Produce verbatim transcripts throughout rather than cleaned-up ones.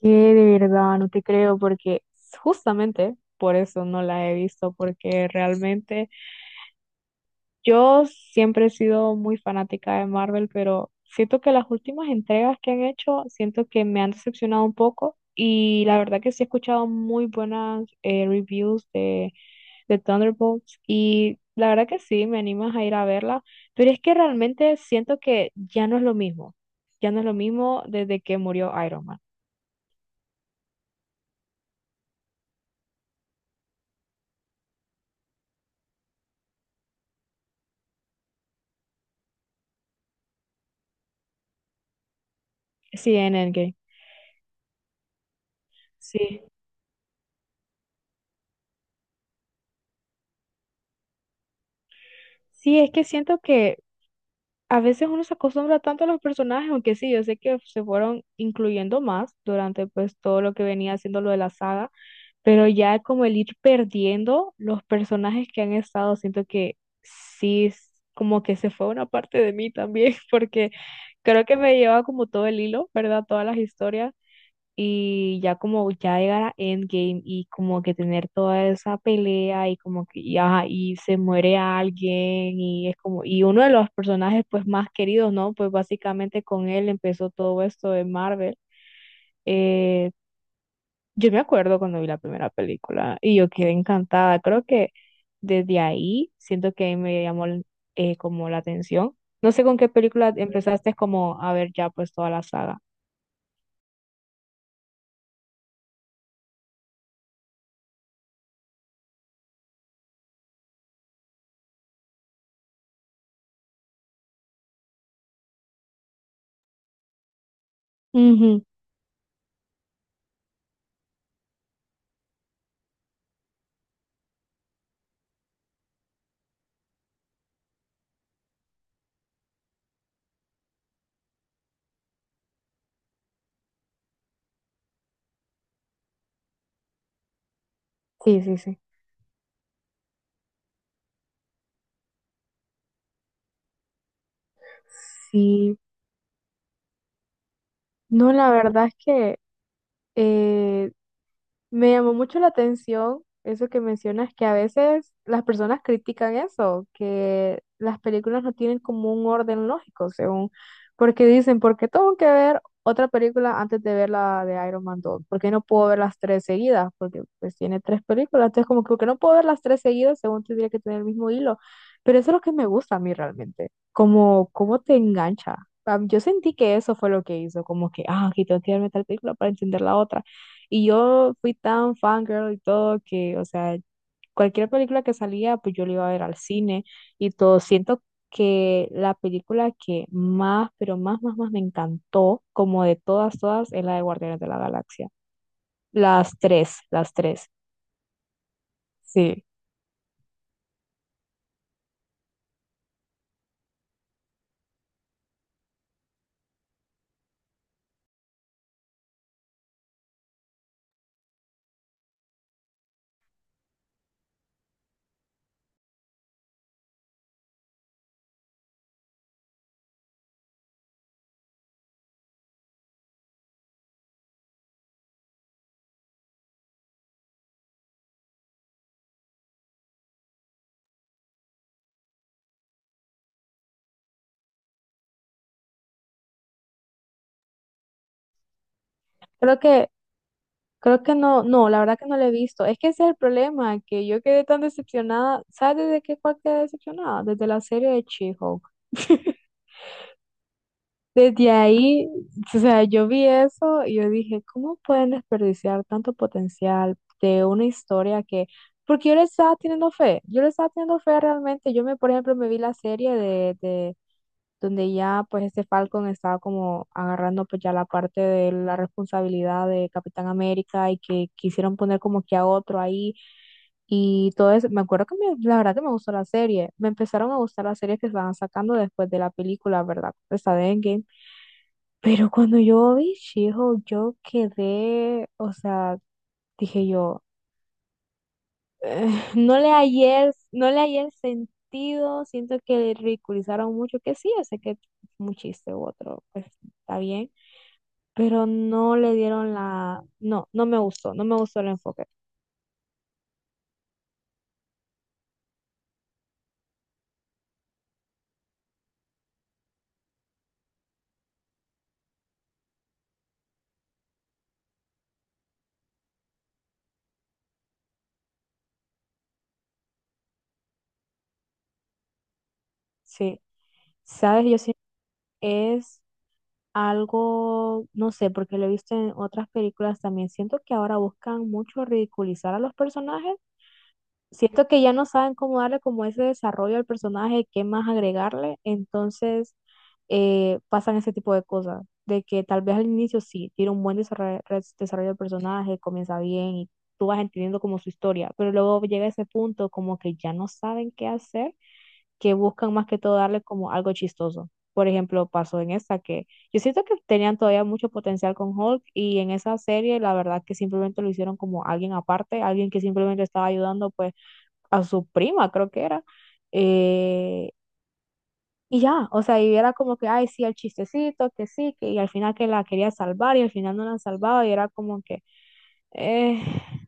Que de verdad no te creo porque justamente por eso no la he visto, porque realmente yo siempre he sido muy fanática de Marvel, pero siento que las últimas entregas que han hecho, siento que me han decepcionado un poco y la verdad que sí he escuchado muy buenas eh, reviews de, de Thunderbolts y la verdad que sí, me animas a ir a verla, pero es que realmente siento que ya no es lo mismo, ya no es lo mismo desde que murió Iron Man. Sí, en Endgame. Sí. Sí, es que siento que a veces uno se acostumbra tanto a los personajes, aunque sí, yo sé que se fueron incluyendo más durante pues todo lo que venía haciendo lo de la saga, pero ya como el ir perdiendo los personajes que han estado, siento que sí, es como que se fue una parte de mí también, porque creo que me lleva como todo el hilo, ¿verdad? Todas las historias y ya como ya llegar a Endgame y como que tener toda esa pelea y como que y, ajá, y se muere alguien y es como y uno de los personajes pues más queridos, ¿no? Pues básicamente con él empezó todo esto de Marvel. Eh, yo me acuerdo cuando vi la primera película y yo quedé encantada. Creo que desde ahí siento que me llamó eh, como la atención. No sé con qué película empezaste como a ver ya pues toda la saga. Ujú. Sí, sí, sí. Sí. No, la verdad es que eh, me llamó mucho la atención eso que mencionas, que a veces las personas critican eso, que las películas no tienen como un orden lógico, según, porque dicen, ¿por qué tengo que ver otra película antes de ver la de Iron Man dos? ¿Por qué no puedo ver las tres seguidas? Porque pues tiene tres películas, entonces como que ¿por qué no puedo ver las tres seguidas? Según tendría que tener el mismo hilo. Pero eso es lo que me gusta a mí realmente, como cómo te engancha. Ah, yo sentí que eso fue lo que hizo, como que, ah, aquí tengo que verme tal película para entender la otra. Y yo fui tan fangirl y todo que, o sea, cualquier película que salía, pues yo la iba a ver al cine y todo. Siento que la película que más, pero más, más, más me encantó, como de todas, todas, es la de Guardianes de la Galaxia. Las tres, las tres, sí. Creo que, creo que no, no, la verdad que no la he visto. Es que ese es el problema, que yo quedé tan decepcionada. ¿Sabes desde qué cual quedé decepcionada? Desde la serie de She-Hulk. Desde ahí, o sea, yo vi eso y yo dije, ¿cómo pueden desperdiciar tanto potencial de una historia que, porque yo le estaba teniendo fe, yo le estaba teniendo fe realmente, yo me, por ejemplo, me vi la serie de, donde ya pues este Falcon estaba como agarrando pues ya la parte de la responsabilidad de Capitán América y que quisieron poner como que a otro ahí y todo eso. Me acuerdo que me- la verdad que me gustó la serie. Me empezaron a gustar las series que estaban sacando después de la película, ¿verdad? Esta de Endgame. Pero cuando yo vi she yo quedé, o sea, dije yo eh, no le hallé, el- no le hallé el sentido, siento que le ridiculizaron mucho, que sí, yo sé que es un chiste u otro, pues está bien, pero no le dieron la, no, no me gustó, no me gustó el enfoque, sí, sabes, yo siento que es algo, no sé, porque lo he visto en otras películas también, siento que ahora buscan mucho ridiculizar a los personajes, siento que ya no saben cómo darle como ese desarrollo al personaje, qué más agregarle, entonces eh, pasan ese tipo de cosas, de que tal vez al inicio sí, tiene un buen desarrollo, desarrollo del personaje, comienza bien y tú vas entendiendo como su historia, pero luego llega ese punto como que ya no saben qué hacer, que buscan más que todo darle como algo chistoso. Por ejemplo, pasó en esta que yo siento que tenían todavía mucho potencial con Hulk y en esa serie la verdad que simplemente lo hicieron como alguien aparte, alguien que simplemente estaba ayudando pues a su prima, creo que era. eh, y ya, o sea, y era como que, ay, sí, el chistecito, que sí, que, y al final que la quería salvar y al final no la salvaba y era como que, eh,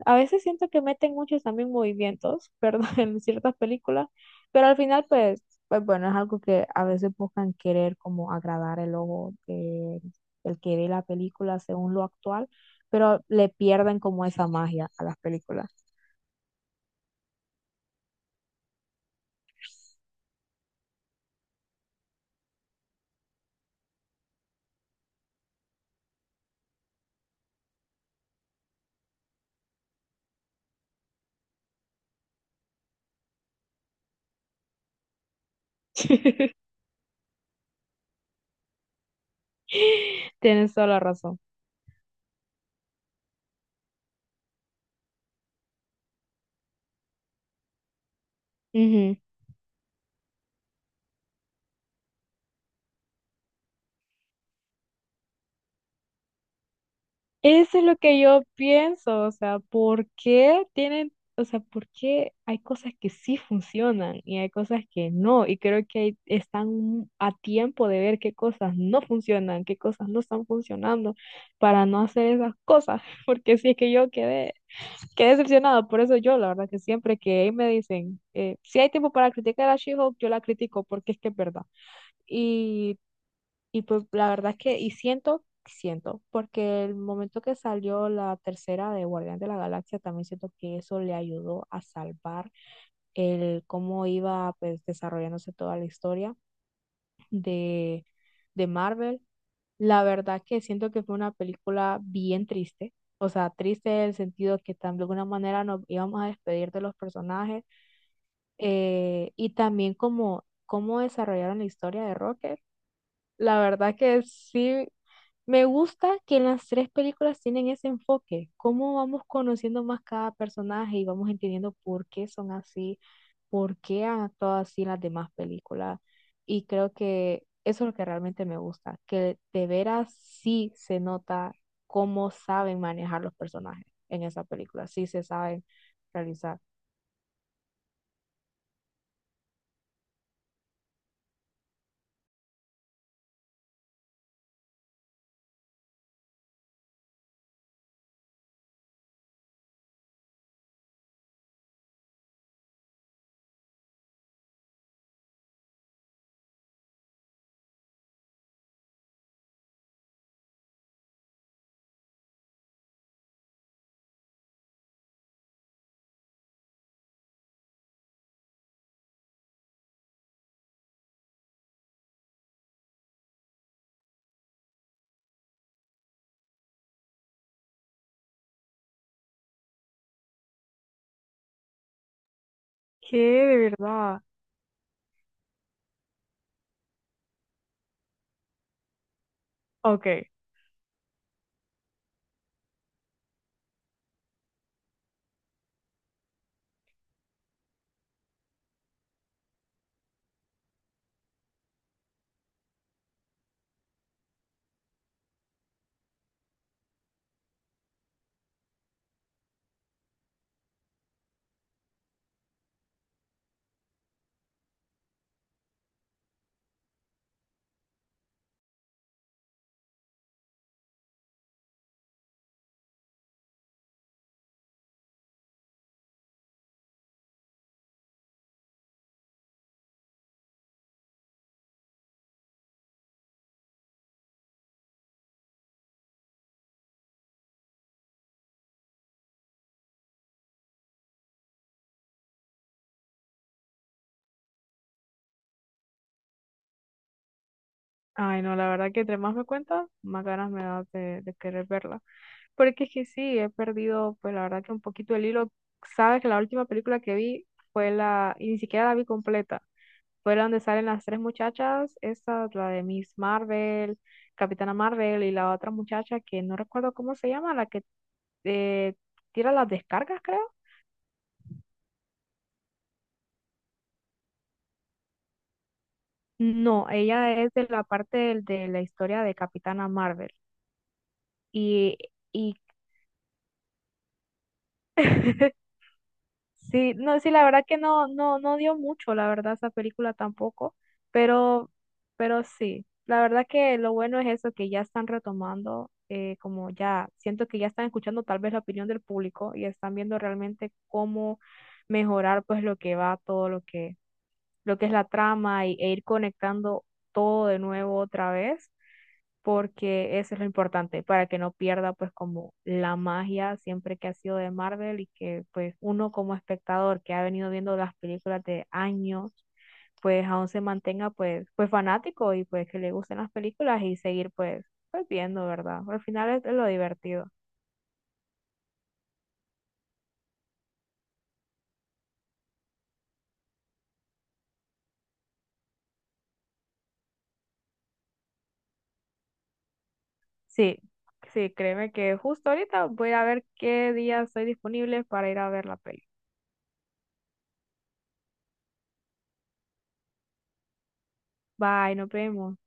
a veces siento que meten muchos también movimientos, perdón, en ciertas películas, pero al final pues, pues bueno, es algo que a veces buscan querer como agradar el ojo, de el que ve la película según lo actual, pero le pierden como esa magia a las películas. Tienes toda la razón. Eso es lo que yo pienso, o sea, ¿por qué tienen, o sea, por qué hay cosas que sí funcionan y hay cosas que no? Y creo que ahí están a tiempo de ver qué cosas no funcionan, qué cosas no están funcionando para no hacer esas cosas, porque sí es que yo quedé, quedé decepcionada, por eso yo, la verdad, que siempre que me dicen, eh, si hay tiempo para criticar a She-Hulk, yo la critico porque es que es verdad. Y y pues la verdad es que, y siento, siento, porque el momento que salió la tercera de Guardián de la Galaxia, también siento que eso le ayudó a salvar el cómo iba pues desarrollándose toda la historia de, de Marvel. La verdad que siento que fue una película bien triste. O sea, triste en el sentido que tam- de alguna manera nos íbamos a despedir de los personajes eh, y también como cómo desarrollaron la historia de Rocket. La verdad que sí, me gusta que en las tres películas tienen ese enfoque, cómo vamos conociendo más cada personaje y vamos entendiendo por qué son así, por qué han actuado así en las demás películas. Y creo que eso es lo que realmente me gusta, que de veras sí se nota cómo saben manejar los personajes en esa película, sí se saben realizar. Ay, no, la verdad que entre más me cuentas, más ganas me da de de querer verla. Porque es que sí, he perdido, pues la verdad que un poquito el hilo. Sabes que la última película que vi fue la, y ni siquiera la vi completa, fue la donde salen las tres muchachas, esa, la de Miss Marvel, Capitana Marvel y la otra muchacha que no recuerdo cómo se llama, la que eh, tira las descargas, creo. No, ella es de la parte del- de, la historia de Capitana Marvel. Y, y sí, no, sí, la verdad que no, no, no dio mucho, la verdad, esa película tampoco, pero, pero sí, la verdad que lo bueno es eso, que ya están retomando, eh, como ya, siento que ya están escuchando tal vez la opinión del público y están viendo realmente cómo mejorar pues lo que va, todo lo que, lo que es la trama y, e ir conectando todo de nuevo otra vez porque eso es lo importante, para que no pierda pues como la magia siempre que ha sido de Marvel y que pues uno como espectador que ha venido viendo las películas de años, pues aún se mantenga pues, pues fanático y pues que le gusten las películas y seguir pues, pues viendo, ¿verdad? Al final es es lo divertido. Sí, sí, créeme que justo ahorita voy a ver qué días estoy disponible para ir a ver la peli. Bye, nos vemos.